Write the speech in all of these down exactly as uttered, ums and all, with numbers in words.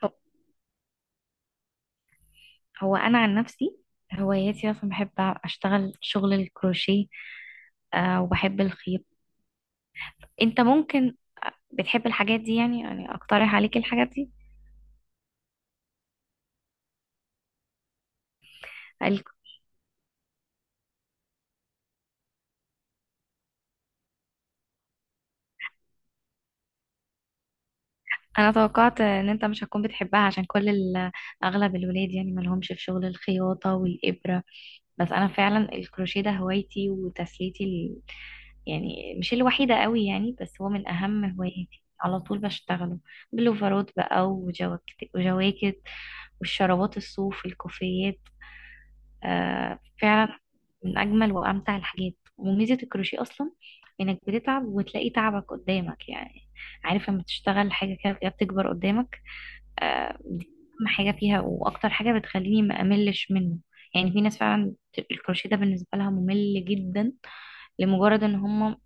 طب، هو انا عن نفسي هواياتي اصلا بحب اشتغل شغل الكروشيه. آه، وبحب الخيط. انت ممكن بتحب الحاجات دي، يعني يعني اقترح عليك الحاجات دي. ال- انا توقعت ان انت مش هتكون بتحبها، عشان كل ال- اغلب الولاد يعني مالهمش في شغل الخياطة والابرة. بس انا فعلا الكروشيه ده هوايتي وتسليتي ال... يعني مش الوحيدة قوي يعني، بس هو من اهم هواياتي، على طول بشتغله بلوفرات بقى وجواكت وجواكت، والشرابات الصوف الكوفيات. آه فعلا، من أجمل وأمتع الحاجات. وميزة الكروشيه أصلا إنك بتتعب وتلاقي تعبك قدامك يعني. عارف لما تشتغل حاجة كده كده بتكبر قدامك. آه، دي أهم حاجة فيها وأكتر حاجة بتخليني ما أملش منه. يعني في ناس فعلا الكروشيه ده بالنسبة لها ممل جدا، لمجرد ان هم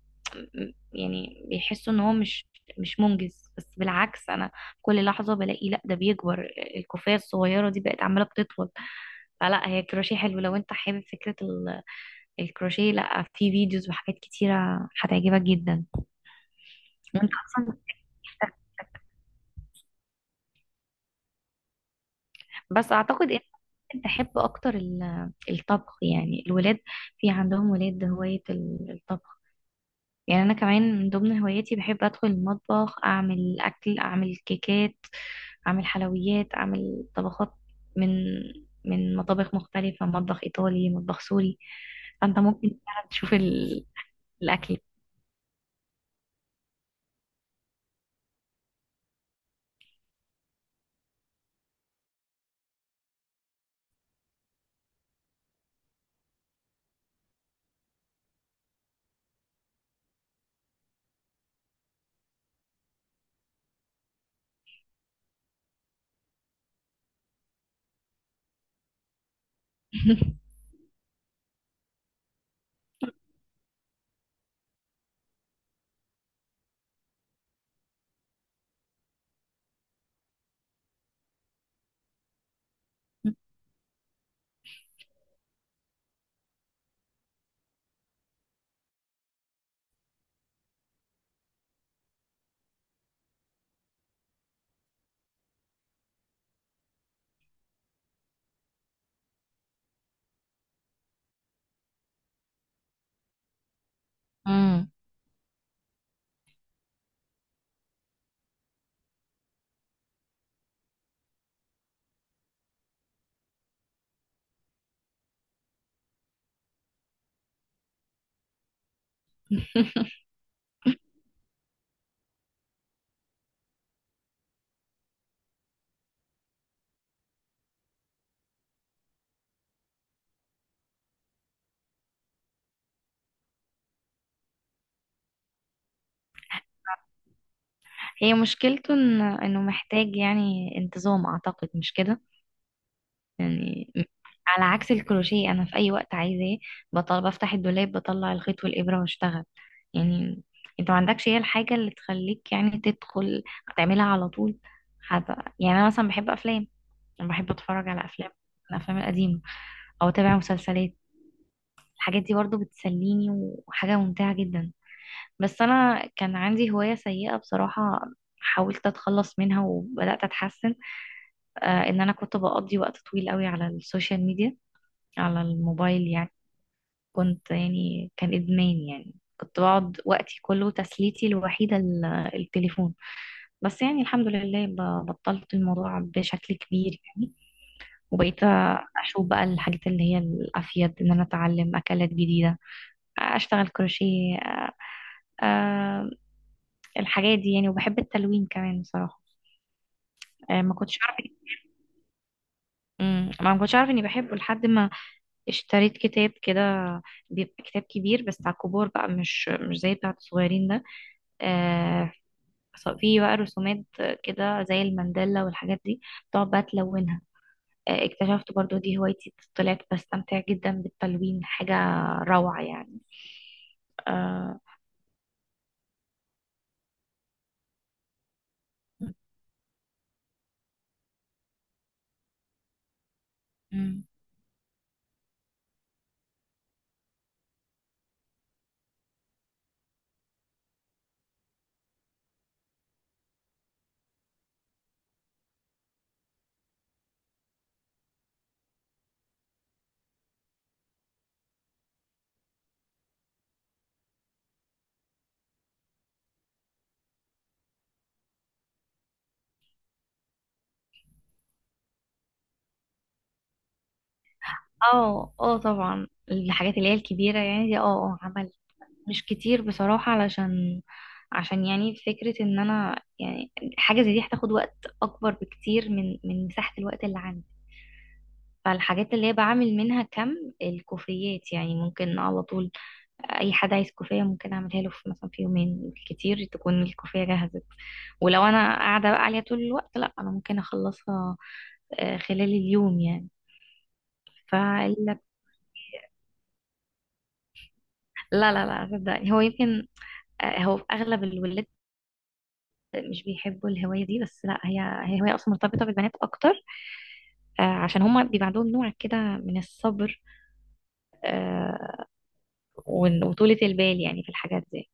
يعني بيحسوا ان هو مش مش منجز. بس بالعكس، انا كل لحظة بلاقي لا ده بيكبر، الكوفية الصغيرة دي بقت عمالة بتطول. فلا، هي الكروشيه حلو، لو انت حابب فكرة ال- الكروشيه لا، في فيديوز وحاجات كتيرة هتعجبك جدا. وانت اصلا. بس اعتقد ان ممكن تحب اكتر ال- الطبخ. يعني الولاد في عندهم ولاد هواية ال- الطبخ. يعني انا كمان من ضمن هواياتي بحب ادخل المطبخ، اعمل اكل، اعمل كيكات، اعمل حلويات، اعمل طبخات من من مطابخ مختلفة، مطبخ ايطالي، مطبخ سوري. فانت ممكن فعلا تشوف ال... الاكل. مم. هي مشكلته إن... انه محتاج يعني انتظام، اعتقد مش كده يعني. على عكس الكروشيه، انا في اي وقت عايزاه بطل بفتح الدولاب بطلع الخيط والابره واشتغل يعني. انت ما عندكش هي الحاجه اللي تخليك يعني تدخل تعملها على طول. حتى يعني انا مثلا بحب افلام، انا بحب اتفرج على افلام، الافلام القديمه، او اتابع مسلسلات. الحاجات دي برضو بتسليني، وحاجه ممتعه جدا. بس انا كان عندي هوايه سيئه بصراحه، حاولت اتخلص منها وبدات اتحسن. آه، ان انا كنت بقضي وقت طويل قوي على السوشيال ميديا، على الموبايل يعني. كنت يعني كان إدمان يعني، كنت بقعد وقتي كله تسليتي الوحيدة ال- التليفون. بس يعني الحمد لله، ب- بطلت الموضوع بشكل كبير يعني. وبقيت أشوف بقى الحاجات اللي هي الأفيد، إن أنا أتعلم أكلات جديدة، أشتغل كروشيه، أ- أ- الحاجات دي يعني. وبحب التلوين كمان بصراحة. أ، ما كنتش أعرف. أمم، ما ما كنتش أعرف إني بحبه لحد ما اشتريت كتاب كده. بيبقى كتاب كبير بس على الكبار بقى، مش مش زي بتاع الصغيرين ده. آه. ص- فيه بقى رسومات كده زي المندلة والحاجات دي، تقعد بقى تلونها. آه، اكتشفت برضو دي هوايتي، طلعت بستمتع جدا بالتلوين، حاجة روعة يعني. آه. مم. اه اه طبعا الحاجات اللي هي الكبيرة يعني دي، اه اه عملت مش كتير بصراحة. علشان عشان يعني فكرة ان انا يعني حاجة زي دي هتاخد وقت اكبر بكتير من من مساحة الوقت اللي عندي. فالحاجات اللي هي بعمل منها كم الكوفيات يعني ممكن على طول، اي حد عايز كوفية ممكن اعملها له في مثلا في يومين، كتير تكون الكوفية جهزت. ولو انا قاعدة بقى عليها طول الوقت، لا انا ممكن اخلصها آه، خلال اليوم يعني. لا لا لا صدقني، هو يمكن آه، هو في اغلب الولاد مش بيحبوا الهوايه دي. بس لا، هي هي هوايه اصلا مرتبطه بالبنات اكتر آه، عشان هما بيبقى عندهم نوع كده من الصبر آه، وإن- وطولة البال يعني في الحاجات دي.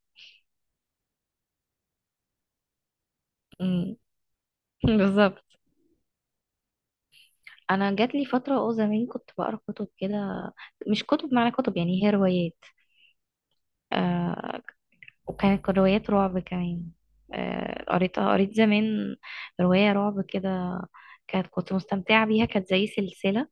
مم. بالظبط. انا جات لي فتره اه زمان كنت بقرا كتب كده، مش كتب معنى كتب يعني هي روايات آه. وكانت روايات رعب كمان آه، قريتها قريت زمان، روايه رعب كده، كانت كنت مستمتعه بيها، كانت زي سلسله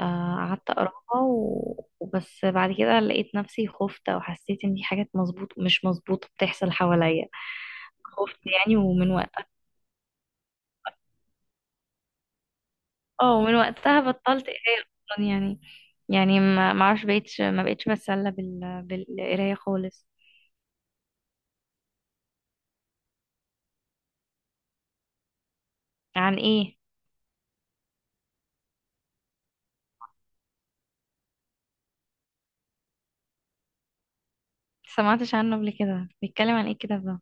آه، قعدت اقراها و- وبس. بعد كده لقيت نفسي خفت، او حسيت ان في حاجات مظبوط مش مظبوطه بتحصل حواليا، خفت يعني. ومن وقت اه، ومن وقتها بطلت قرايه اصلا يعني. يعني ما ما اعرفش، بقيتش ما بقيتش بتسلى بال... بالقرايه خالص. عن ايه؟ سمعتش عنه قبل كده، بيتكلم عن ايه الكتاب ده؟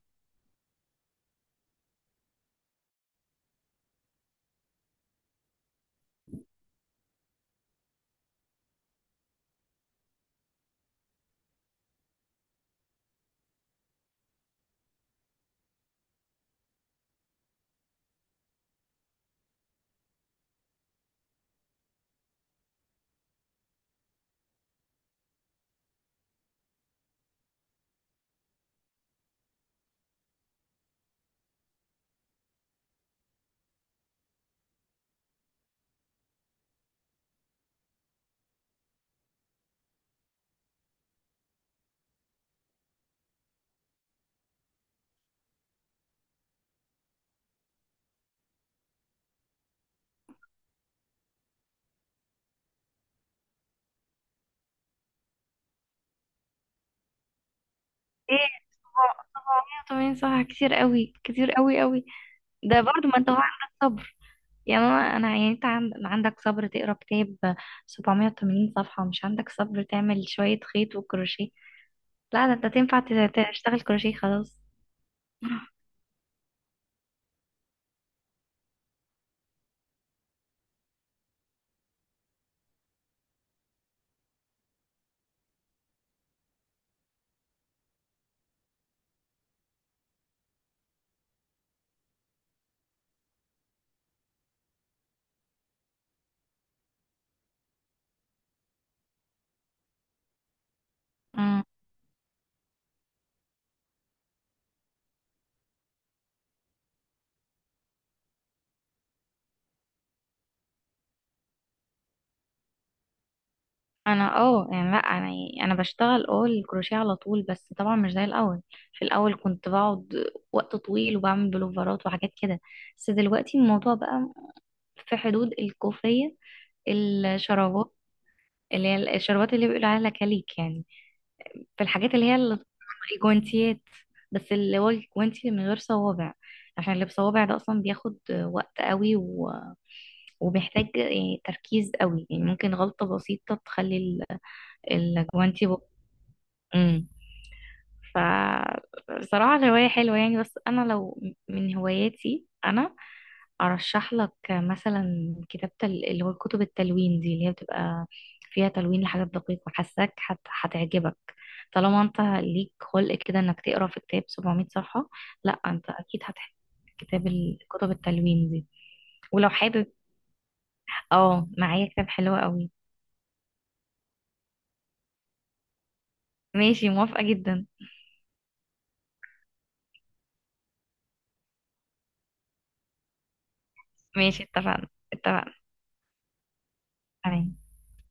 ايه، سبعمية وتمانين صفحة؟ كتير قوي، كتير قوي قوي. ده برضو ما انت هو عندك صبر. يا ماما انا يعني، انت عند- عندك صبر تقرا كتاب سبعمائة وثمانين صفحة، مش عندك صبر تعمل شوية خيط وكروشيه؟ لا، ده انت تنفع ت- تشتغل كروشيه خلاص. أمم، انا اه يعني لا انا يعني انا بشتغل اه الكروشيه على طول، بس طبعا مش زي الاول. في الاول كنت بقعد وقت طويل وبعمل بلوفرات وحاجات كده. بس دلوقتي الموضوع بقى في حدود الكوفية، الشرابات اللي هي الشرابات اللي بيقولوا عليها كليك يعني. في الحاجات اللي هي ال- الجوانتيات، بس اللي هو الجوانتي من غير صوابع، عشان اللي بصوابع ده اصلا بياخد وقت قوي، و... وبيحتاج يعني تركيز قوي. يعني ممكن غلطة بسيطة تخلي ال- الجوانتي بق... مم. فبصراحة الهواية حلوة يعني. بس أنا لو من هواياتي أنا أرشح لك مثلا كتابة ال- اللي هو كتب التلوين دي، اللي هي بتبقى فيها تلوين لحاجات دقيقة، حاساك هت- هتعجبك. طالما أنت ليك خلق كده إنك تقرا في كتاب سبعمائة صفحة، لأ أنت أكيد هتحب كتاب ال- كتب التلوين دي. ولو حابب، اه معايا كتاب حلو قوي. ماشي، موافقة جدا. ماشي، اتفقنا. اتفقنا. تمام.